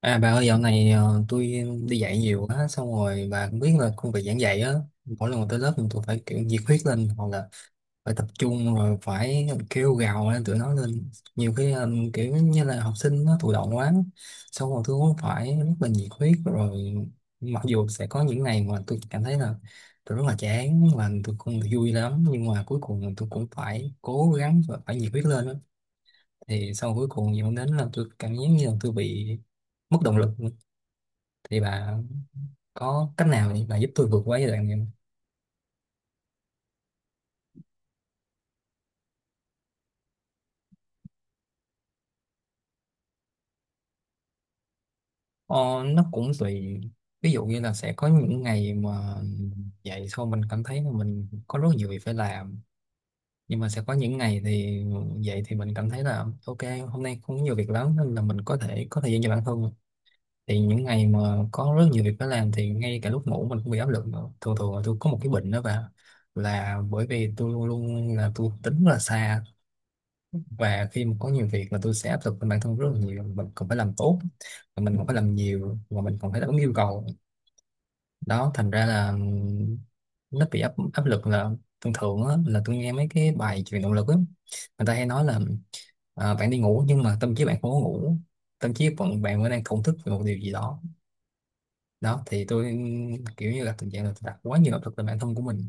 À bà ơi, dạo này tôi đi dạy nhiều quá, xong rồi bà cũng biết là công việc giảng dạy á, mỗi lần mà tới lớp thì tôi phải kiểu nhiệt huyết lên, hoặc là phải tập trung, rồi phải kêu gào lên tụi nó lên. Nhiều khi kiểu như là học sinh nó thụ động quá, xong rồi tôi cũng phải rất là nhiệt huyết. Rồi mặc dù sẽ có những ngày mà tôi cảm thấy là tôi rất là chán và tôi không được vui lắm, nhưng mà cuối cùng là tôi cũng phải cố gắng và phải nhiệt huyết lên á. Thì sau cuối cùng dẫn đến là tôi cảm giác như là tôi bị mất động lực. Thì bà có cách nào để bà giúp tôi vượt qua giai đoạn này không? Ờ, nó cũng tùy, ví dụ như là sẽ có những ngày mà dậy xong mình cảm thấy là mình có rất nhiều việc phải làm, nhưng mà sẽ có những ngày thì dậy thì mình cảm thấy là ok, hôm nay không có nhiều việc lắm nên là mình có thể có thời gian cho bản thân. Thì những ngày mà có rất nhiều việc phải làm thì ngay cả lúc ngủ mình cũng bị áp lực nữa. Thường thường là tôi có một cái bệnh đó bà, là bởi vì tôi luôn luôn là tôi tính rất là xa, và khi mà có nhiều việc là tôi sẽ áp lực lên bản thân rất là nhiều, mình còn phải làm tốt và mình còn phải làm nhiều và mình còn phải đáp ứng yêu cầu. Đó, thành ra là nó bị áp áp lực. Là thường thường á, là tôi nghe mấy cái bài truyền động lực á, người ta hay nói là à, bạn đi ngủ nhưng mà tâm trí bạn không có ngủ, tâm trí bạn vẫn đang thổn thức về một điều gì đó. Đó thì tôi kiểu như là tình trạng là tôi đặt quá nhiều áp lực lên bản thân của mình.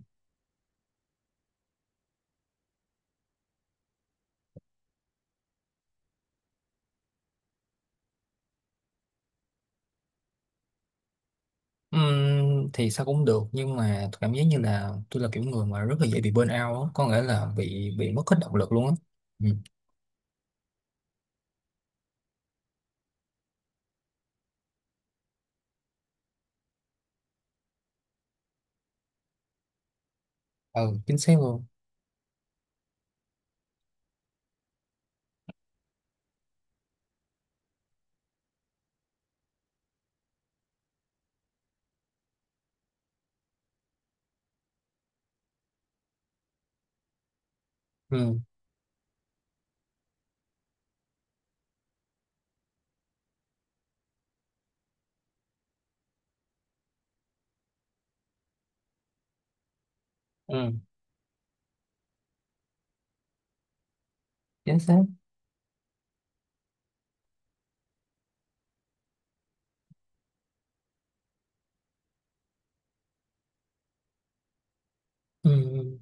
Thì sao cũng được, nhưng mà tôi cảm giác như là tôi là kiểu người mà rất là dễ bị burn out á, có nghĩa là bị mất hết động lực luôn á. Ừ. Ừ, chính xác luôn. Ừ. Ừ, chính xác. Ừ. Ừ.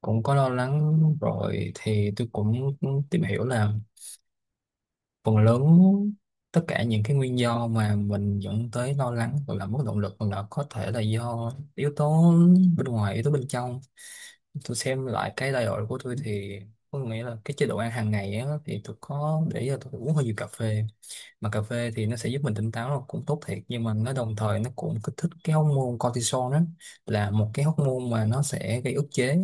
Cũng có lo lắng. Rồi thì tôi cũng cũng tìm hiểu là phần lớn tất cả những cái nguyên do mà mình dẫn tới lo lắng, hoặc là mất động lực, hoặc là có thể là do yếu tố bên ngoài, yếu tố bên trong. Tôi xem lại cái đại đội của tôi thì có nghĩa là cái chế độ ăn hàng ngày á, thì tôi có để ý là tôi uống hơi nhiều cà phê. Mà cà phê thì nó sẽ giúp mình tỉnh táo là cũng tốt thiệt, nhưng mà nó đồng thời nó cũng kích thích cái hormone cortisol đó, là một cái hormone mà nó sẽ gây ức chế,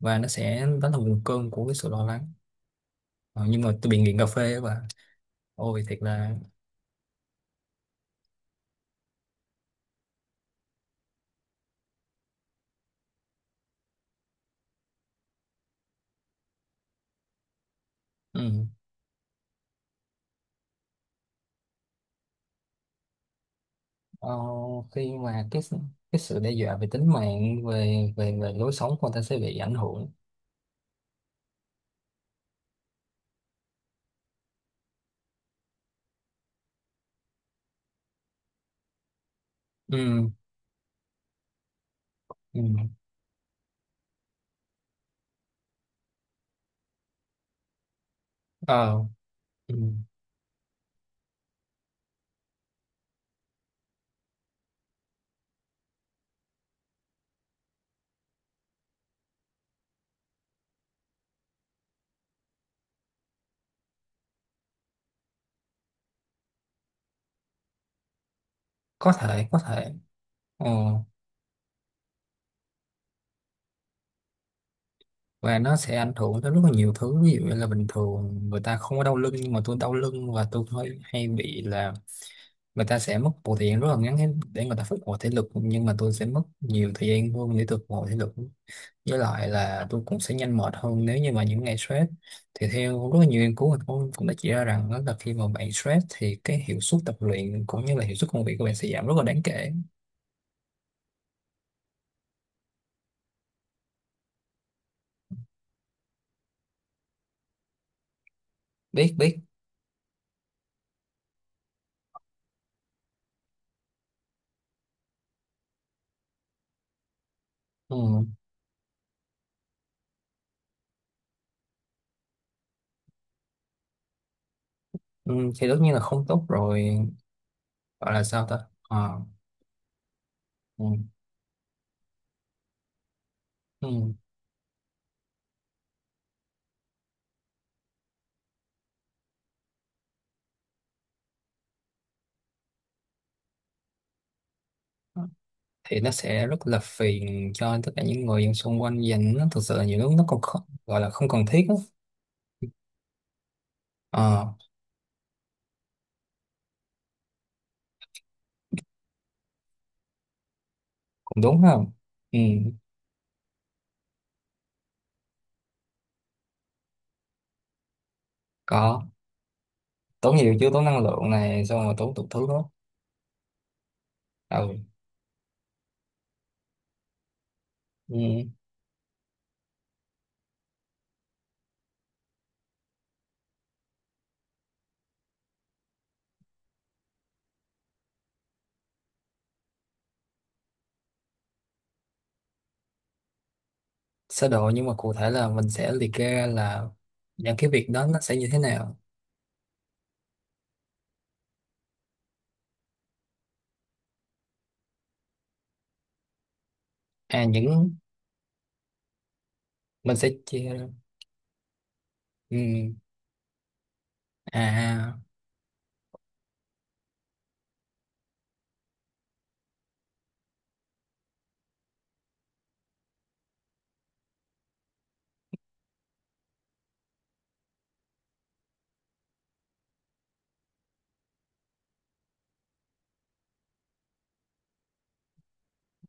và nó sẽ, đó là nguồn cơn của cái sự lo lắng. Ờ, nhưng mà tôi bị nghiện cà phê, và ôi thiệt là. Ừ. Ờ, khi mà cái sự đe dọa về tính mạng, về về về lối sống của người ta sẽ bị ảnh hưởng. Ừ, ừ. Ờ. Ừ. Có thể, có thể. Ờ. Và nó sẽ ảnh hưởng tới rất là nhiều thứ, ví dụ như là bình thường người ta không có đau lưng nhưng mà tôi đau lưng, và tôi hay bị là người ta sẽ mất một thời gian rất là ngắn để người ta phục hồi thể lực, nhưng mà tôi sẽ mất nhiều thời gian hơn để tôi phục hồi thể lực. Với lại là tôi cũng sẽ nhanh mệt hơn nếu như mà những ngày stress, thì theo rất là nhiều nghiên cứu thì cũng cũng đã chỉ ra rằng đó là khi mà bạn stress thì cái hiệu suất tập luyện cũng như là hiệu suất công việc của bạn sẽ giảm rất là đáng kể. Biết, biết. Ừ. Ừ, thì tất nhiên là không tốt rồi. Gọi là sao ta. Ờ. Ừ. Ừ. Thì nó sẽ rất là phiền cho tất cả những người xung quanh, dành nó thực sự là nhiều lúc nó còn không, gọi là không cần thiết á. Ờ, cũng đúng không. Ừ. Có, tốn nhiều chứ, tốn năng lượng này, xong rồi tốn tụt thứ đó. Ừ. Ừ. Sơ đồ, nhưng mà cụ thể là mình sẽ liệt kê ra là những cái việc đó nó sẽ như thế nào. À, những mình sẽ chia ra. Ừ. À.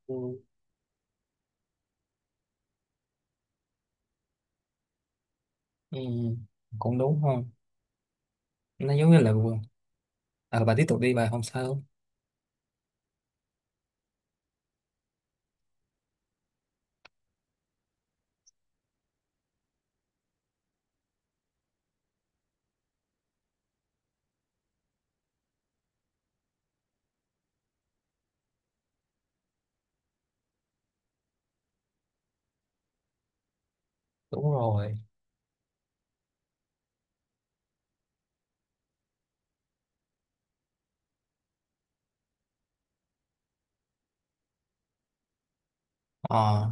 Ừ, ừ, cũng đúng không. Nó giống như là, à, bà tiếp tục đi bà, không sao. Đúng rồi. Ờ,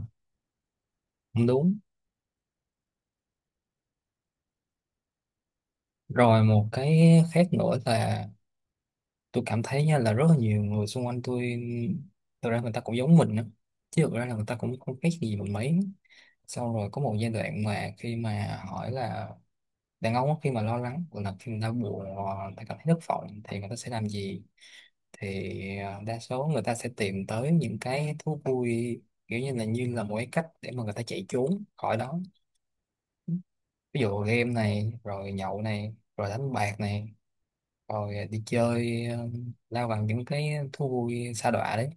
cũng đúng. Rồi một cái khác nữa là tôi cảm thấy nha là rất là nhiều người xung quanh tôi thực ra người ta cũng giống mình á, chứ thực ra là người ta cũng không khác gì mình mấy. Xong rồi có một giai đoạn mà khi mà hỏi là đàn ông á, khi mà lo lắng, hoặc là khi người ta buồn, hoặc người ta cảm thấy thất vọng thì người ta sẽ làm gì, thì à, đa số người ta sẽ tìm tới những cái thú vui, kiểu như là một cái cách để mà người ta chạy trốn khỏi đó. Ví dụ game này, rồi nhậu này, rồi đánh bạc này, rồi đi chơi, lao bằng những cái thú vui sa đọa đấy.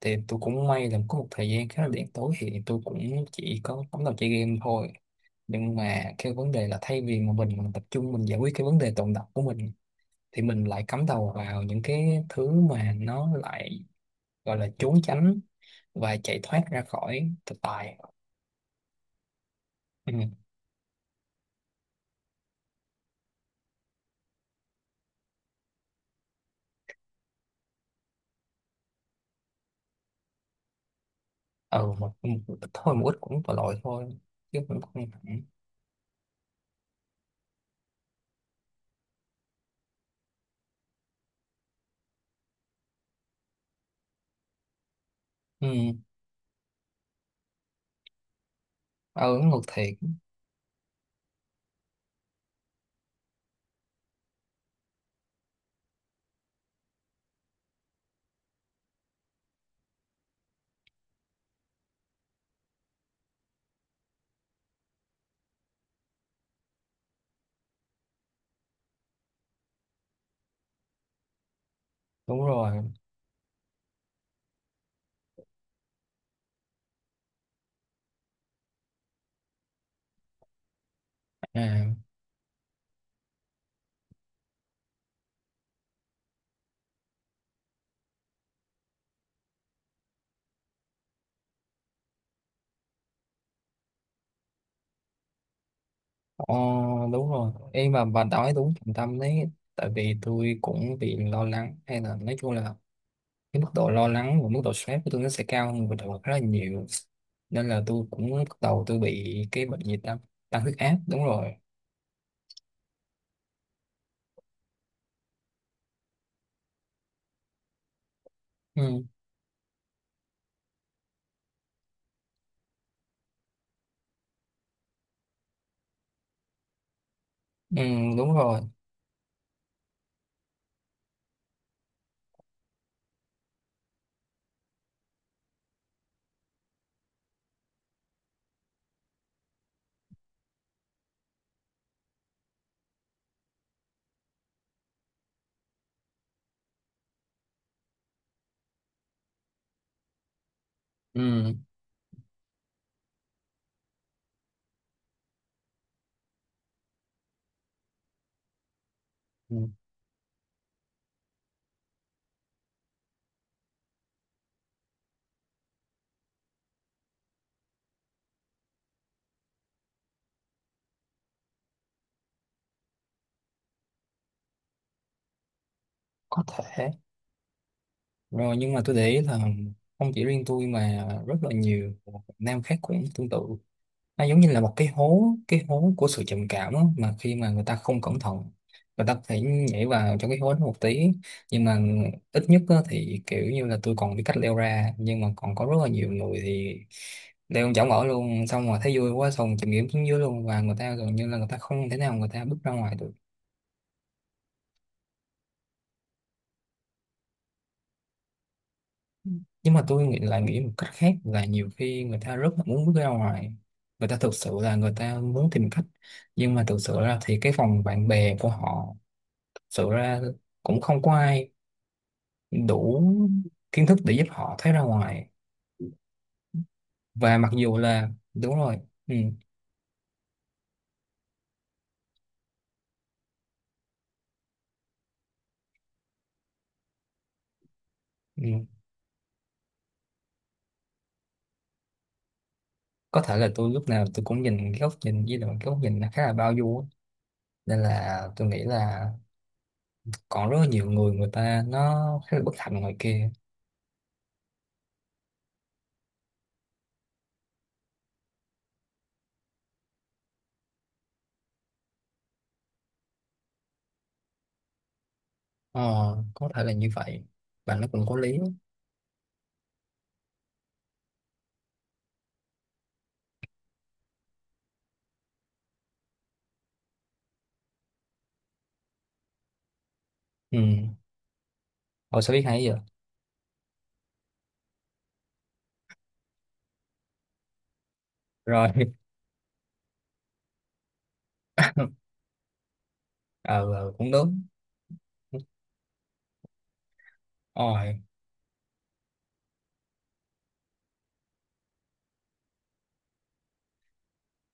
Thì tôi cũng may là có một thời gian khá là đen tối thì tôi cũng chỉ có cắm đầu chơi game thôi. Nhưng mà cái vấn đề là thay vì mà mình tập trung mình giải quyết cái vấn đề tồn đọng của mình, thì mình lại cắm đầu vào những cái thứ mà nó lại gọi là trốn tránh và chạy thoát ra khỏi thực tại. Ừ. Ừ, một ít thôi, một ít cũng tội lỗi thôi, chứ cũng không hẳn. Ừ. Ừ, ngược thiệt. Đúng rồi. À. Ờ, đúng rồi em, mà bà nói đúng trọng tâm đấy. Tại vì tôi cũng bị lo lắng, hay là nói chung là cái mức độ lo lắng và mức độ stress của tôi nó sẽ cao hơn bình thường rất là nhiều, nên là tôi cũng bắt đầu tôi bị cái bệnh gì ta. Tăng huyết áp, đúng rồi. Ừ. Ừ, đúng rồi. Ừ. Ừ, có thể. Rồi nhưng mà tôi để ý là không chỉ riêng tôi mà rất là nhiều Việt Nam khác cũng tương tự. Nó giống như là một cái hố, cái hố của sự trầm cảm á, mà khi mà người ta không cẩn thận người ta có thể nhảy vào trong cái hố đó một tí. Nhưng mà ít nhất á, thì kiểu như là tôi còn biết cách leo ra, nhưng mà còn có rất là nhiều người thì leo chỏng ở luôn, xong rồi thấy vui quá xong chìm nghỉm xuống dưới luôn, và người ta gần như là người ta không thể nào người ta bước ra ngoài được. Nhưng mà tôi nghĩ là nghĩ một cách khác là nhiều khi người ta rất là muốn bước ra ngoài, người ta thực sự là người ta muốn tìm cách, nhưng mà thực sự ra thì cái vòng bạn bè của họ, thực sự ra, cũng không có ai đủ kiến thức để giúp họ thấy ra ngoài. Và mặc dù là đúng rồi. Ừ. Ừ. Có thể là tôi lúc nào tôi cũng nhìn cái góc nhìn, với lại cái góc nhìn nó khá là bao dung á, nên là tôi nghĩ là còn rất là nhiều người, người ta nó khá là bất hạnh ngoài kia. Ờ, có thể là như vậy, và nó cũng có lý. Ừ. Ôi sao biết hay giờ. Rồi ờ, ờ, cũng đúng. Rồi.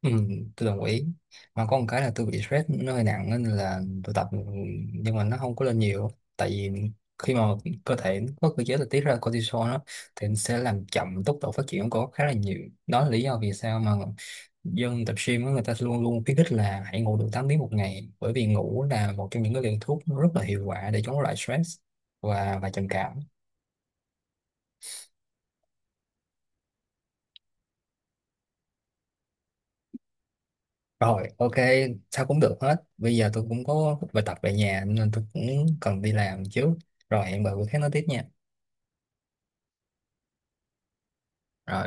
Ừ, tôi đồng ý. Mà có một cái là tôi bị stress nó hơi nặng nên là tôi tập, nhưng mà nó không có lên nhiều, tại vì khi mà cơ thể nó có cơ chế là tiết ra cortisol đó, thì nó sẽ làm chậm tốc độ phát triển của khá là nhiều. Đó là lý do vì sao mà dân tập gym á, người ta luôn luôn khuyến khích là hãy ngủ đủ 8 tiếng một ngày, bởi vì ngủ là một trong những cái liều thuốc rất là hiệu quả để chống lại stress và trầm cảm. Rồi, ok, sao cũng được hết. Bây giờ tôi cũng có bài tập về nhà nên tôi cũng cần đi làm chứ. Rồi hẹn bà bữa khác nói tiếp nha. Rồi.